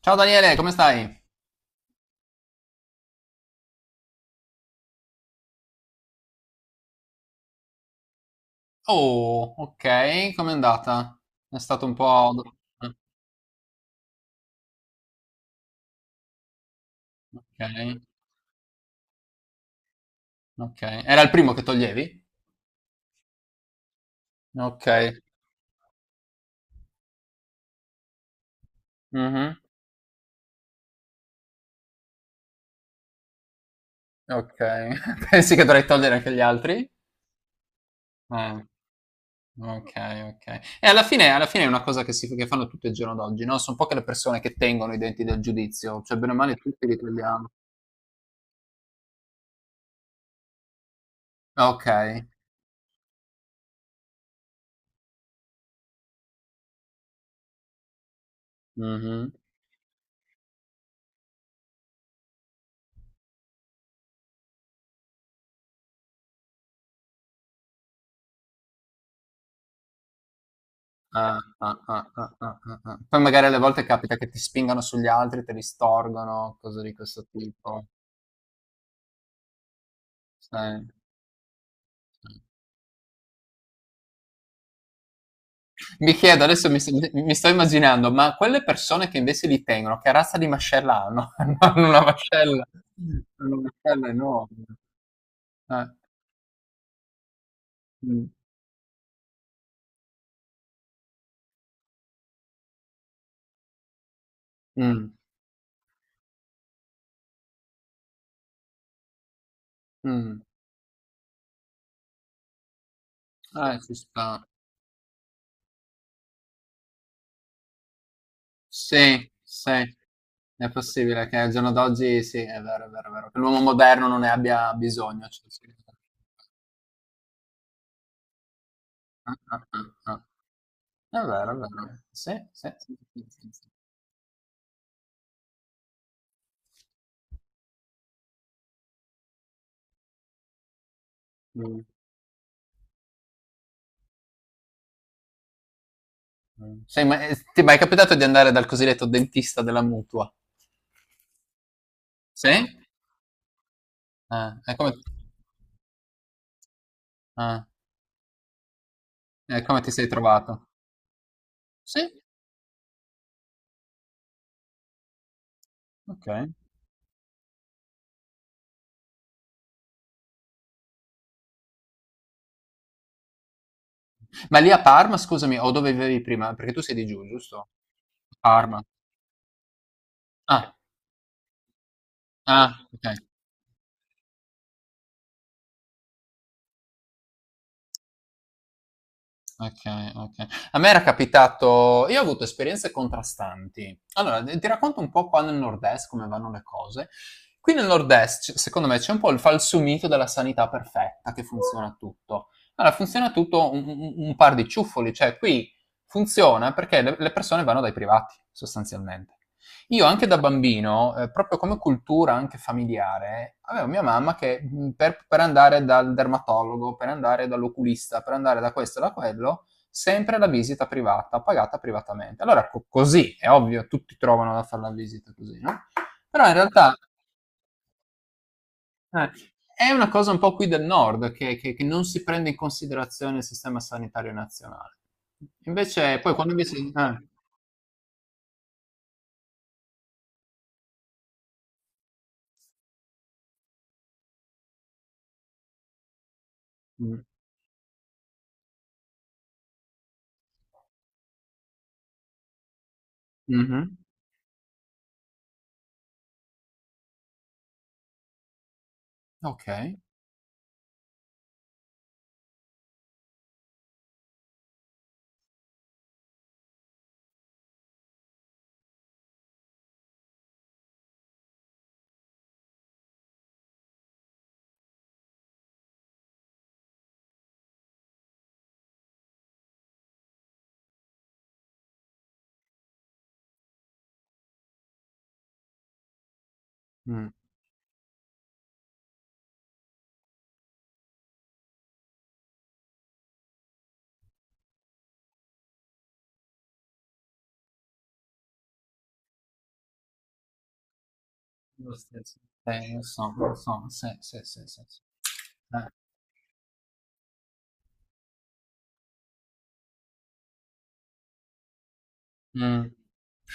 Ciao Daniele, come stai? Oh, ok, com'è andata? È stato un po'. Eh, Ok, ok. Era il primo che toglievi? Ok. Mhm, ok. Pensi che dovrei togliere anche gli altri? Eh, ok, ok. E alla fine è una cosa che, si, che fanno tutti il giorno d'oggi, no? Sono poche le persone che tengono i denti del giudizio, cioè bene o male tutti li togliamo. Ok. Mhm. Ah, ah, ah, ah, ah, ah, ah. Ah. Poi magari alle volte capita che ti spingano sugli altri, te li storgono, cose di questo tipo. Sì, sì. Mi chiedo, adesso mi sto immaginando, ma quelle persone che invece li tengono, che razza di mascella hanno? Hanno una mascella, hanno una mascella enorme. Eh, mm, mm, mm. Ci sta. Sì, sì. È possibile che al giorno d'oggi, sì, è vero, è vero, è vero, che l'uomo moderno non ne abbia bisogno. Cioè, sì. Ah, ah, ah, ah. È vero, è vero. Sì, sì, sì, sì, sì, sì. Mh, Sei mai ti è mai capitato di andare dal cosiddetto dentista della mutua? Sì? Ah, e come ah, e come ti sei trovato? Sì? Okay. Ma lì a Parma scusami, o dove vivevi prima? Perché tu sei di giù, giusto? Parma. Ah, ah, okay. Okay, okay. A me era capitato, io ho avuto esperienze contrastanti. Allora, d ti racconto un po' qua nel nord-est come vanno le cose. Qui nel nord-est, c secondo me c'è un po' il falso mito della sanità perfetta, che funziona tutto. Allora funziona tutto un par di ciuffoli, cioè qui funziona perché le persone vanno dai privati, sostanzialmente. Io anche da bambino, proprio come cultura anche familiare, avevo mia mamma che per andare dal dermatologo, per andare dall'oculista, per andare da questo e da quello, sempre la visita privata, pagata privatamente. Allora, così, è ovvio, tutti trovano da fare la visita così, no? Però in realtà eh, è una cosa un po' qui del nord, che non si prende in considerazione il sistema sanitario nazionale. Invece, poi quando invece. Mm mhm, ok. Mm. Lo stesso. Lo so, sì, sì, sì, sì, sì. Mm.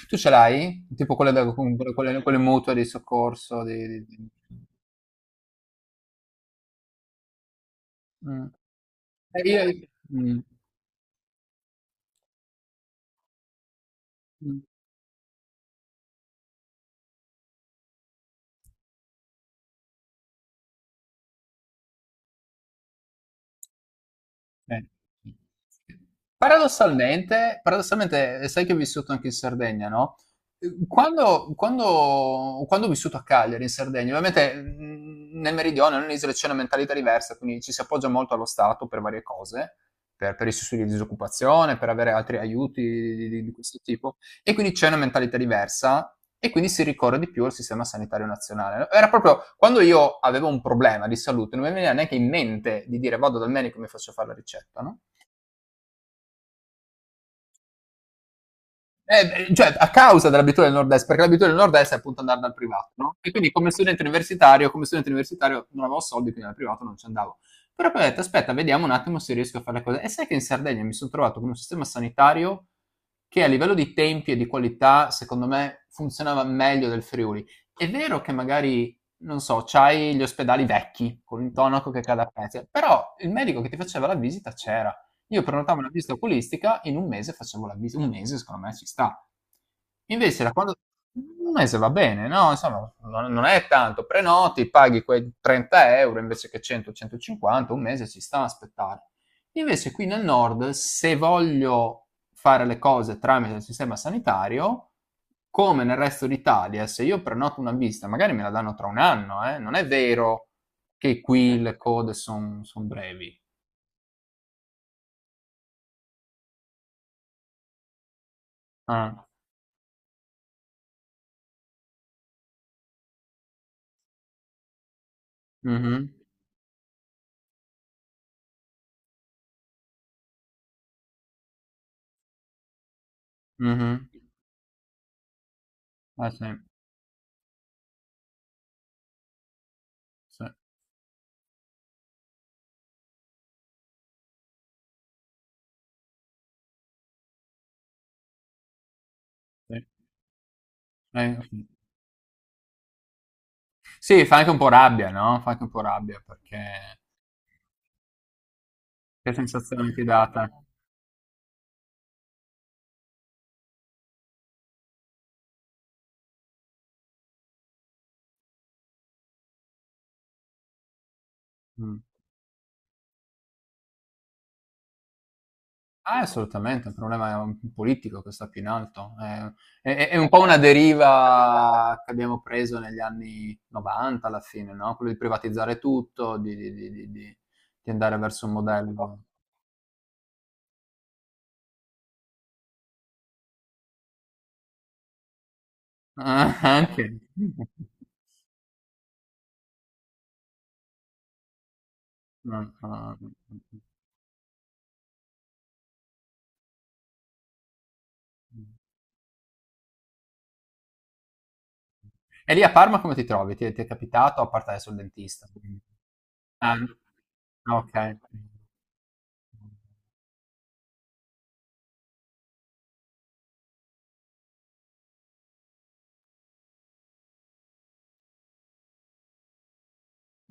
Tu ce l'hai? Tipo quelle, da- con- quelle, quelle mutue di soccorso? Di- di-. Mm. Io-. Mm. Mm. Eh. Sì. Paradossalmente, paradossalmente, sai che ho vissuto anche in Sardegna, no? Quando ho vissuto a Cagliari, in Sardegna, ovviamente nel meridione, nell'isola c'è una mentalità diversa, quindi ci si appoggia molto allo Stato per varie cose, per i sussidi di disoccupazione, per avere altri aiuti di questo tipo. E quindi c'è una mentalità diversa e quindi si ricorre di più al sistema sanitario nazionale. Era proprio quando io avevo un problema di salute, non mi veniva neanche in mente di dire vado dal medico e mi faccio fare la ricetta, no? Cioè, a causa dell'abitudine del nord-est, perché l'abitudine del nord-est è appunto andare dal privato, no? E quindi come studente universitario non avevo soldi, quindi dal privato non ci andavo. Però poi ho detto, aspetta, vediamo un attimo se riesco a fare le cose. E sai che in Sardegna mi sono trovato con un sistema sanitario che a livello di tempi e di qualità, secondo me, funzionava meglio del Friuli. È vero che magari, non so, c'hai gli ospedali vecchi, con l'intonaco che cade a pezzi, però il medico che ti faceva la visita c'era. Io prenotavo una visita oculistica, in un mese facevo la visita, un mese secondo me ci sta. Invece da quando. Un mese va bene, no? Insomma, non, non è tanto, prenoti, paghi quei 30 euro invece che 100-150, un mese ci sta a aspettare. Invece qui nel nord, se voglio fare le cose tramite il sistema sanitario, come nel resto d'Italia, se io prenoto una visita, magari me la danno tra un anno, eh? Non è vero che qui le code sono brevi. Ah, mhm. Mh-mh. Eh sì, sì, sì. Sì. Sì, fa anche un po' rabbia, no, fa anche un po' rabbia, perché, che sensazione ti dà a te? Mh. Ah, assolutamente, è un problema un politico che sta più in alto. È un po' una deriva che abbiamo preso negli anni '90 alla fine, no, quello di privatizzare tutto, di andare verso un modello. Ah, anche. Mh, mh, mh, mh. E lì a Parma come ti trovi? Ti è capitato, a parte adesso il dentista? Ah, ah, ok.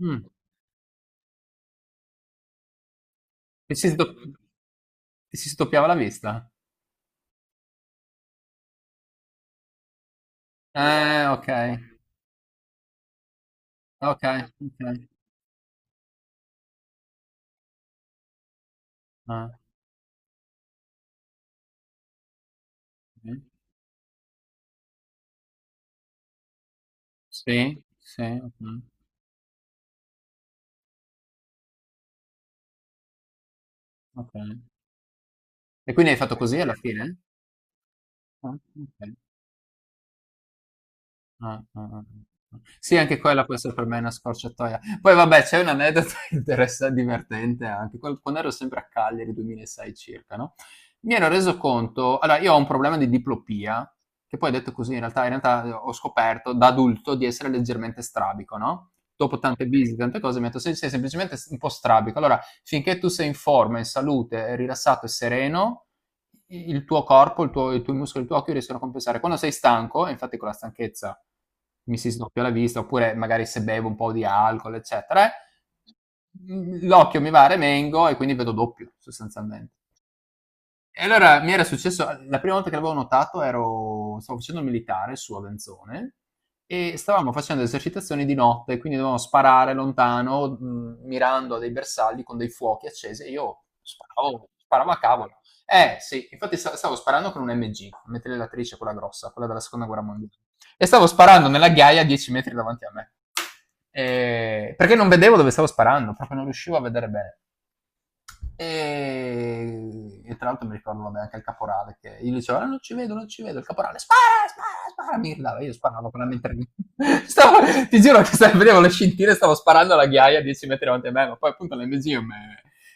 Mm. Ti si sdo- ti si sdoppiava la vista? Ok, ok, ok. Ah, ok. Sì, sì, ok, ok. E quindi hai fatto così alla fine? Ah, ok. Ah, ah, ah, ah. Sì, anche quella può essere per me una scorciatoia. Poi vabbè, c'è un aneddoto divertente anche, quando ero sempre a Cagliari, 2006 circa, no? Mi ero reso conto, allora io ho un problema di diplopia, che poi detto così in realtà, ho scoperto da adulto di essere leggermente strabico, no? Dopo tante visite, tante cose, mi ha detto "Sei semplicemente un po' strabico. Allora, finché tu sei in forma, in salute, rilassato e sereno, il tuo corpo, il tuo, i tuoi muscoli, il tuo occhio riescono a compensare. Quando sei stanco, e infatti con la stanchezza mi si sdoppia la vista, oppure magari se bevo un po' di alcol, eccetera, l'occhio mi va a remengo e quindi vedo doppio, sostanzialmente. E allora mi era successo, la prima volta che l'avevo notato stavo facendo il militare su Avenzone e stavamo facendo esercitazioni di notte, quindi dovevamo sparare lontano, mirando a dei bersagli con dei fuochi accesi e io sparavo, sparavo a cavolo. Eh sì, infatti stavo sparando con un MG, una mitragliatrice, quella grossa, quella della seconda guerra mondiale, e stavo sparando nella ghiaia a 10 metri davanti a me. Perché non vedevo dove stavo sparando, proprio non riuscivo a vedere bene. E tra l'altro mi ricordo vabbè, anche il caporale che io dicevo "Ah, non ci vedo, non ci vedo", il caporale "spara, spara, spara", mi gridava, io sparavo con la mentre stavo, ti giuro che stavo, vedevo le scintille, stavo sparando alla ghiaia a 10 metri davanti a me, ma poi appunto l'MGM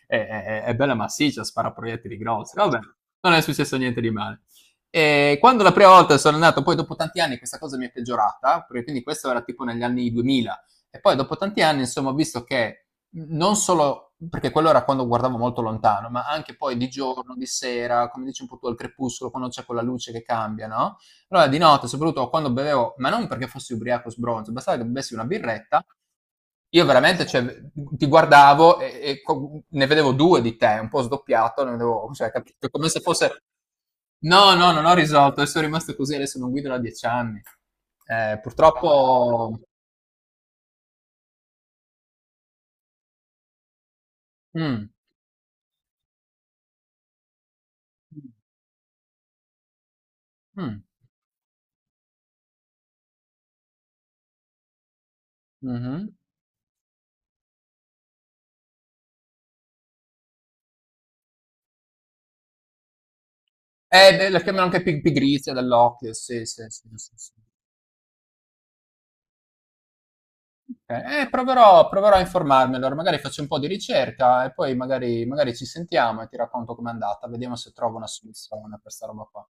è bella massiccia, spara proiettili grossi, vabbè, non è successo niente di male. E quando la prima volta sono andato, poi dopo tanti anni questa cosa mi è peggiorata, perché quindi questo era tipo negli anni 2000, e poi dopo tanti anni, insomma, ho visto che non solo perché quello era quando guardavo molto lontano, ma anche poi di giorno, di sera, come dici un po' tu al crepuscolo, quando c'è quella luce che cambia, no? Allora di notte, soprattutto quando bevevo, ma non perché fossi ubriaco sbronzo, bastava che bevessi una birretta, io veramente cioè, ti guardavo e ne vedevo due di te, un po' sdoppiato, ne vedevo, cioè, capito? Come se fosse. No, no, non ho risolto, e sono rimasto così, adesso non guido da 10 anni. Purtroppo. Mm. Mh. Mh-mh. Beh, la chiamano anche pi pigrizia dell'occhio, sì, sì, sì, sì, sì. Okay. Proverò a informarmi allora, magari faccio un po' di ricerca e poi magari ci sentiamo e ti racconto com'è andata, vediamo se trovo una soluzione per 'sta roba qua.